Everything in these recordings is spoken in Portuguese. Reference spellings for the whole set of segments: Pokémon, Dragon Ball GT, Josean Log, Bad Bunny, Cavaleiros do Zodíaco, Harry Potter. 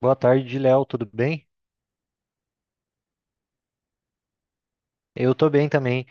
Boa tarde, Léo, tudo bem? Eu tô bem também.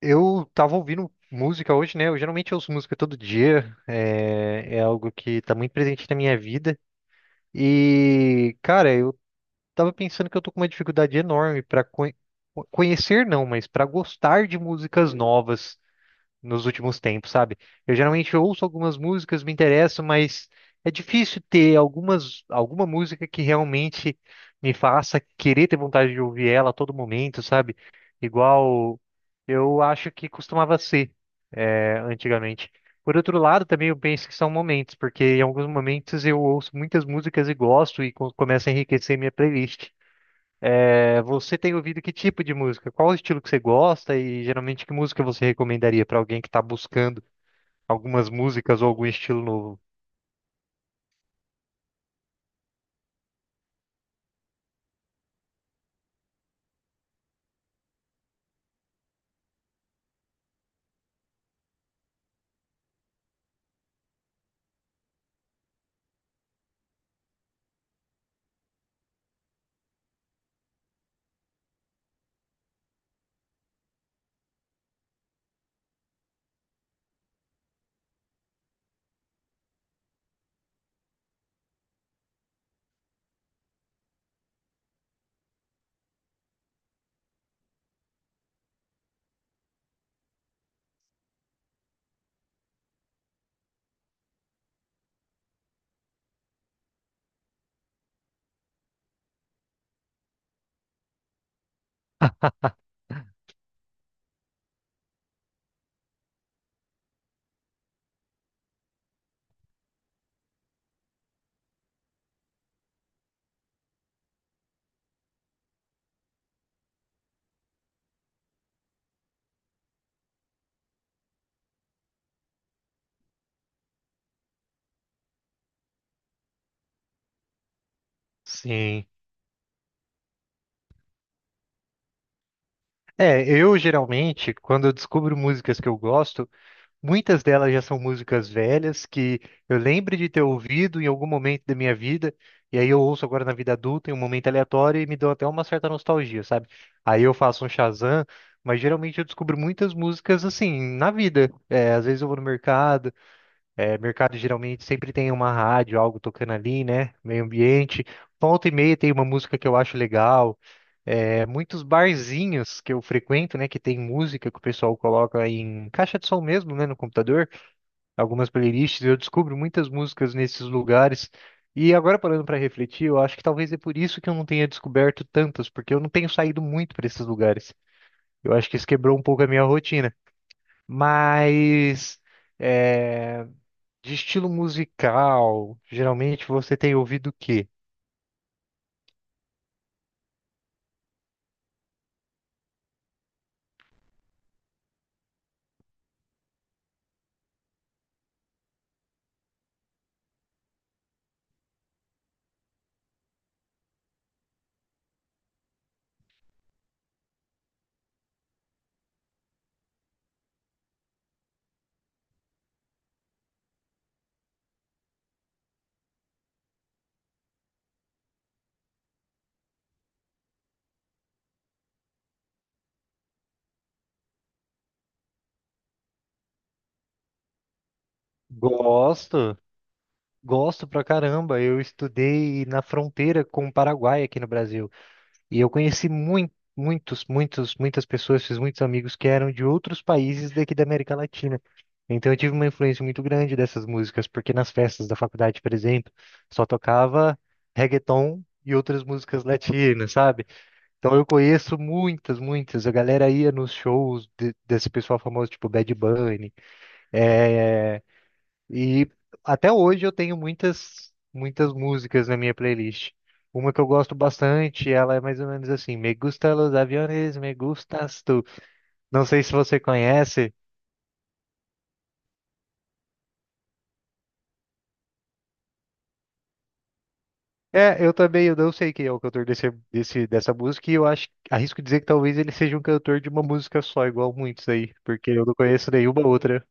Eu tava ouvindo música hoje, né? Eu geralmente ouço música todo dia, é algo que tá muito presente na minha vida. E, cara, eu tava pensando que eu tô com uma dificuldade enorme pra conhecer, não, mas pra gostar de músicas novas nos últimos tempos, sabe? Eu geralmente ouço algumas músicas, me interessam, mas é difícil ter alguma música que realmente me faça querer ter vontade de ouvir ela a todo momento, sabe? Igual eu acho que costumava ser, antigamente. Por outro lado, também eu penso que são momentos, porque em alguns momentos eu ouço muitas músicas e gosto e começa a enriquecer minha playlist. É, você tem ouvido que tipo de música? Qual o estilo que você gosta e geralmente que música você recomendaria para alguém que está buscando algumas músicas ou algum estilo novo. Sim. É, eu geralmente, quando eu descubro músicas que eu gosto, muitas delas já são músicas velhas que eu lembro de ter ouvido em algum momento da minha vida, e aí eu ouço agora na vida adulta, em um momento aleatório, e me dão até uma certa nostalgia, sabe? Aí eu faço um Shazam, mas geralmente eu descubro muitas músicas assim, na vida. É, às vezes eu vou no mercado. É, mercado geralmente sempre tem uma rádio, algo tocando ali, né? Meio ambiente. Volta e meia tem uma música que eu acho legal. É, muitos barzinhos que eu frequento, né? Que tem música que o pessoal coloca em caixa de som mesmo, né? No computador. Algumas playlists. Eu descubro muitas músicas nesses lugares. E agora parando para refletir, eu acho que talvez é por isso que eu não tenha descoberto tantas, porque eu não tenho saído muito para esses lugares. Eu acho que isso quebrou um pouco a minha rotina. Mas, é, de estilo musical, geralmente você tem ouvido o quê? Gosto, gosto pra caramba. Eu estudei na fronteira com o Paraguai aqui no Brasil. E eu conheci muito, muitos, muitos, muitas pessoas, fiz muitos amigos que eram de outros países daqui da América Latina. Então eu tive uma influência muito grande dessas músicas, porque nas festas da faculdade, por exemplo, só tocava reggaeton e outras músicas latinas, sabe? Então eu conheço muitas, muitas. A galera ia nos shows desse pessoal famoso, tipo Bad Bunny. E até hoje eu tenho muitas, muitas músicas na minha playlist. Uma que eu gosto bastante, ela é mais ou menos assim: Me gusta los aviones, me gustas tu. Não sei se você conhece. É, eu também, eu não sei quem é o cantor dessa música, e eu acho, arrisco dizer que talvez ele seja um cantor de uma música só, igual muitos aí, porque eu não conheço nenhuma outra.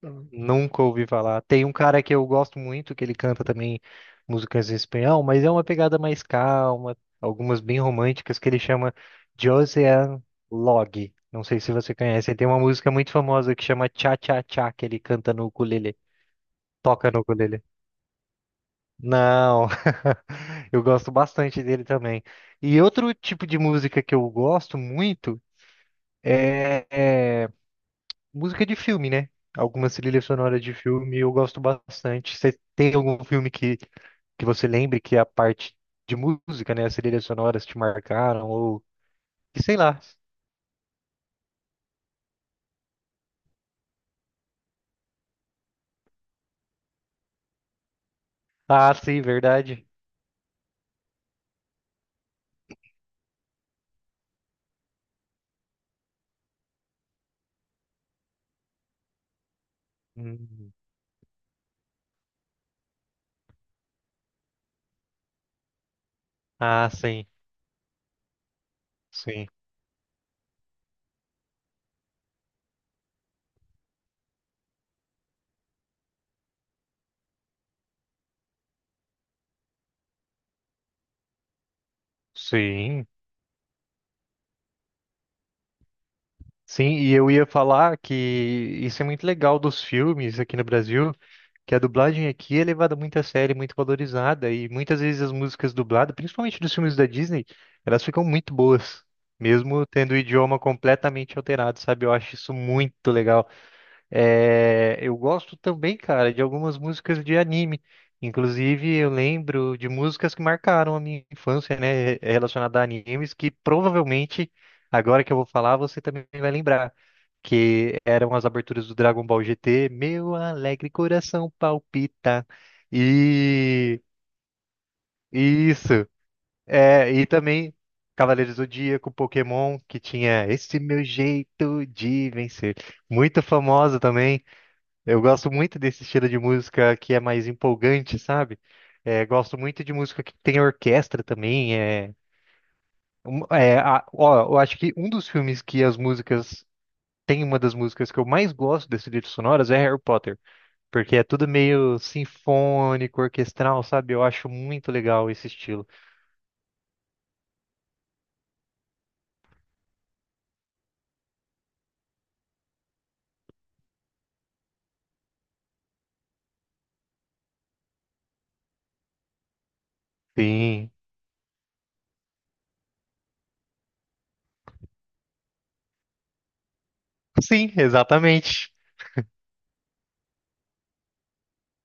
Não. Nunca ouvi falar. Tem um cara que eu gosto muito, que ele canta também músicas em espanhol, mas é uma pegada mais calma, algumas bem românticas, que ele chama Josean Log. Não sei se você conhece. Ele tem uma música muito famosa que chama Cha Cha Cha, que ele canta no ukulele. Toca no ukulele. Não, eu gosto bastante dele também. E outro tipo de música que eu gosto muito é música de filme, né? Algumas trilhas sonoras de filme eu gosto bastante. Você tem algum filme que você lembre que a parte de música, né? As trilhas sonoras te marcaram ou que sei lá. Ah, sim, verdade. Hum. Ah, sim, sim, sim. Sim, e eu ia falar que isso é muito legal dos filmes aqui no Brasil, que a dublagem aqui é levada muito a sério, muito valorizada, e muitas vezes as músicas dubladas, principalmente dos filmes da Disney, elas ficam muito boas, mesmo tendo o idioma completamente alterado, sabe? Eu acho isso muito legal. É, eu gosto também, cara, de algumas músicas de anime. Inclusive, eu lembro de músicas que marcaram a minha infância, né, relacionada a animes, que provavelmente, agora que eu vou falar, você também vai lembrar, que eram as aberturas do Dragon Ball GT, Meu alegre coração palpita. E isso. É, e também Cavaleiros do Zodíaco, Pokémon, que tinha esse meu jeito de vencer. Muito famosa também. Eu gosto muito desse estilo de música que é mais empolgante, sabe? É, gosto muito de música que tem orquestra também. É, ó, eu acho que um dos filmes que as músicas. Tem uma das músicas que eu mais gosto desse livro sonoras é Harry Potter, porque é tudo meio sinfônico, orquestral, sabe? Eu acho muito legal esse estilo. Sim, sim, exatamente.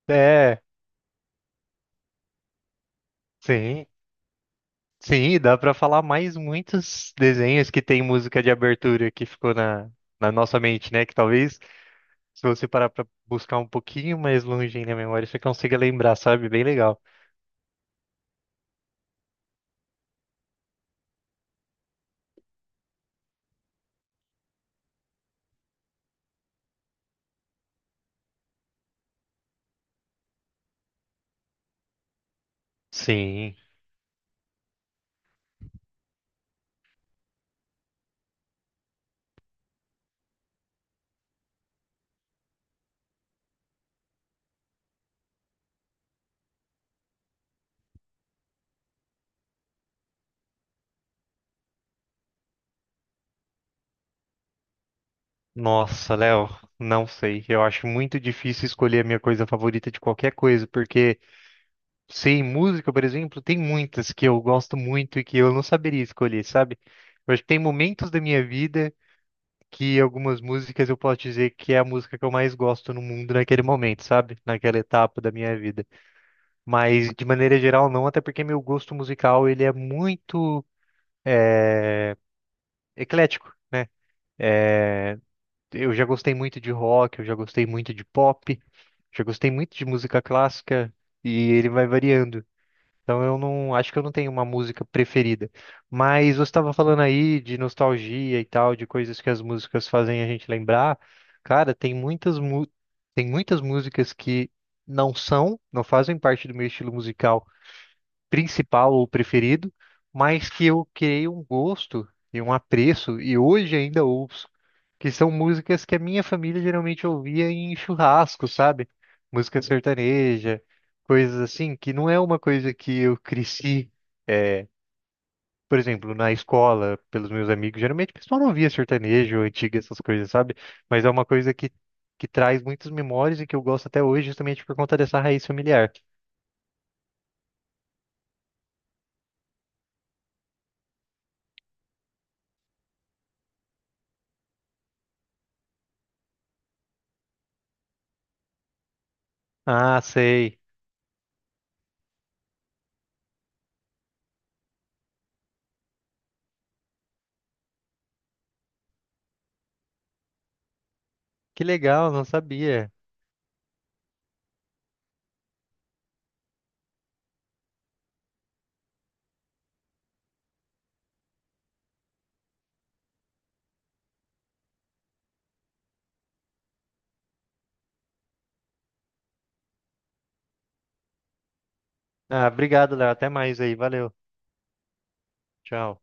É, sim. Sim, dá pra falar mais muitos desenhos que tem música de abertura que ficou na nossa mente, né? Que talvez, se você parar pra buscar um pouquinho mais longe aí na memória, você consiga lembrar, sabe? Bem legal. Sim. Nossa, Léo, não sei. Eu acho muito difícil escolher a minha coisa favorita de qualquer coisa, porque, sim, música, por exemplo, tem muitas que eu gosto muito e que eu não saberia escolher, sabe? Eu acho que tem momentos da minha vida que algumas músicas eu posso dizer que é a música que eu mais gosto no mundo naquele momento, sabe? Naquela etapa da minha vida. Mas de maneira geral não, até porque meu gosto musical ele é muito eclético, né? Eu já gostei muito de rock, eu já gostei muito de pop, já gostei muito de música clássica e ele vai variando. Então eu não acho que eu não tenho uma música preferida. Mas você estava falando aí de nostalgia e tal, de coisas que as músicas fazem a gente lembrar. Cara, tem muitas músicas que não são, não fazem parte do meu estilo musical principal ou preferido, mas que eu criei um gosto e um apreço, e hoje ainda ouço, que são músicas que a minha família geralmente ouvia em churrasco, sabe? Música sertaneja, coisas assim, que não é uma coisa que eu cresci, é, por exemplo, na escola, pelos meus amigos, geralmente o pessoal não ouvia sertanejo, antiga, essas coisas, sabe? Mas é uma coisa que traz muitas memórias e que eu gosto até hoje, justamente por conta dessa raiz familiar. Ah, sei. Que legal, não sabia. Ah, obrigado, Léo. Até mais aí. Valeu. Tchau.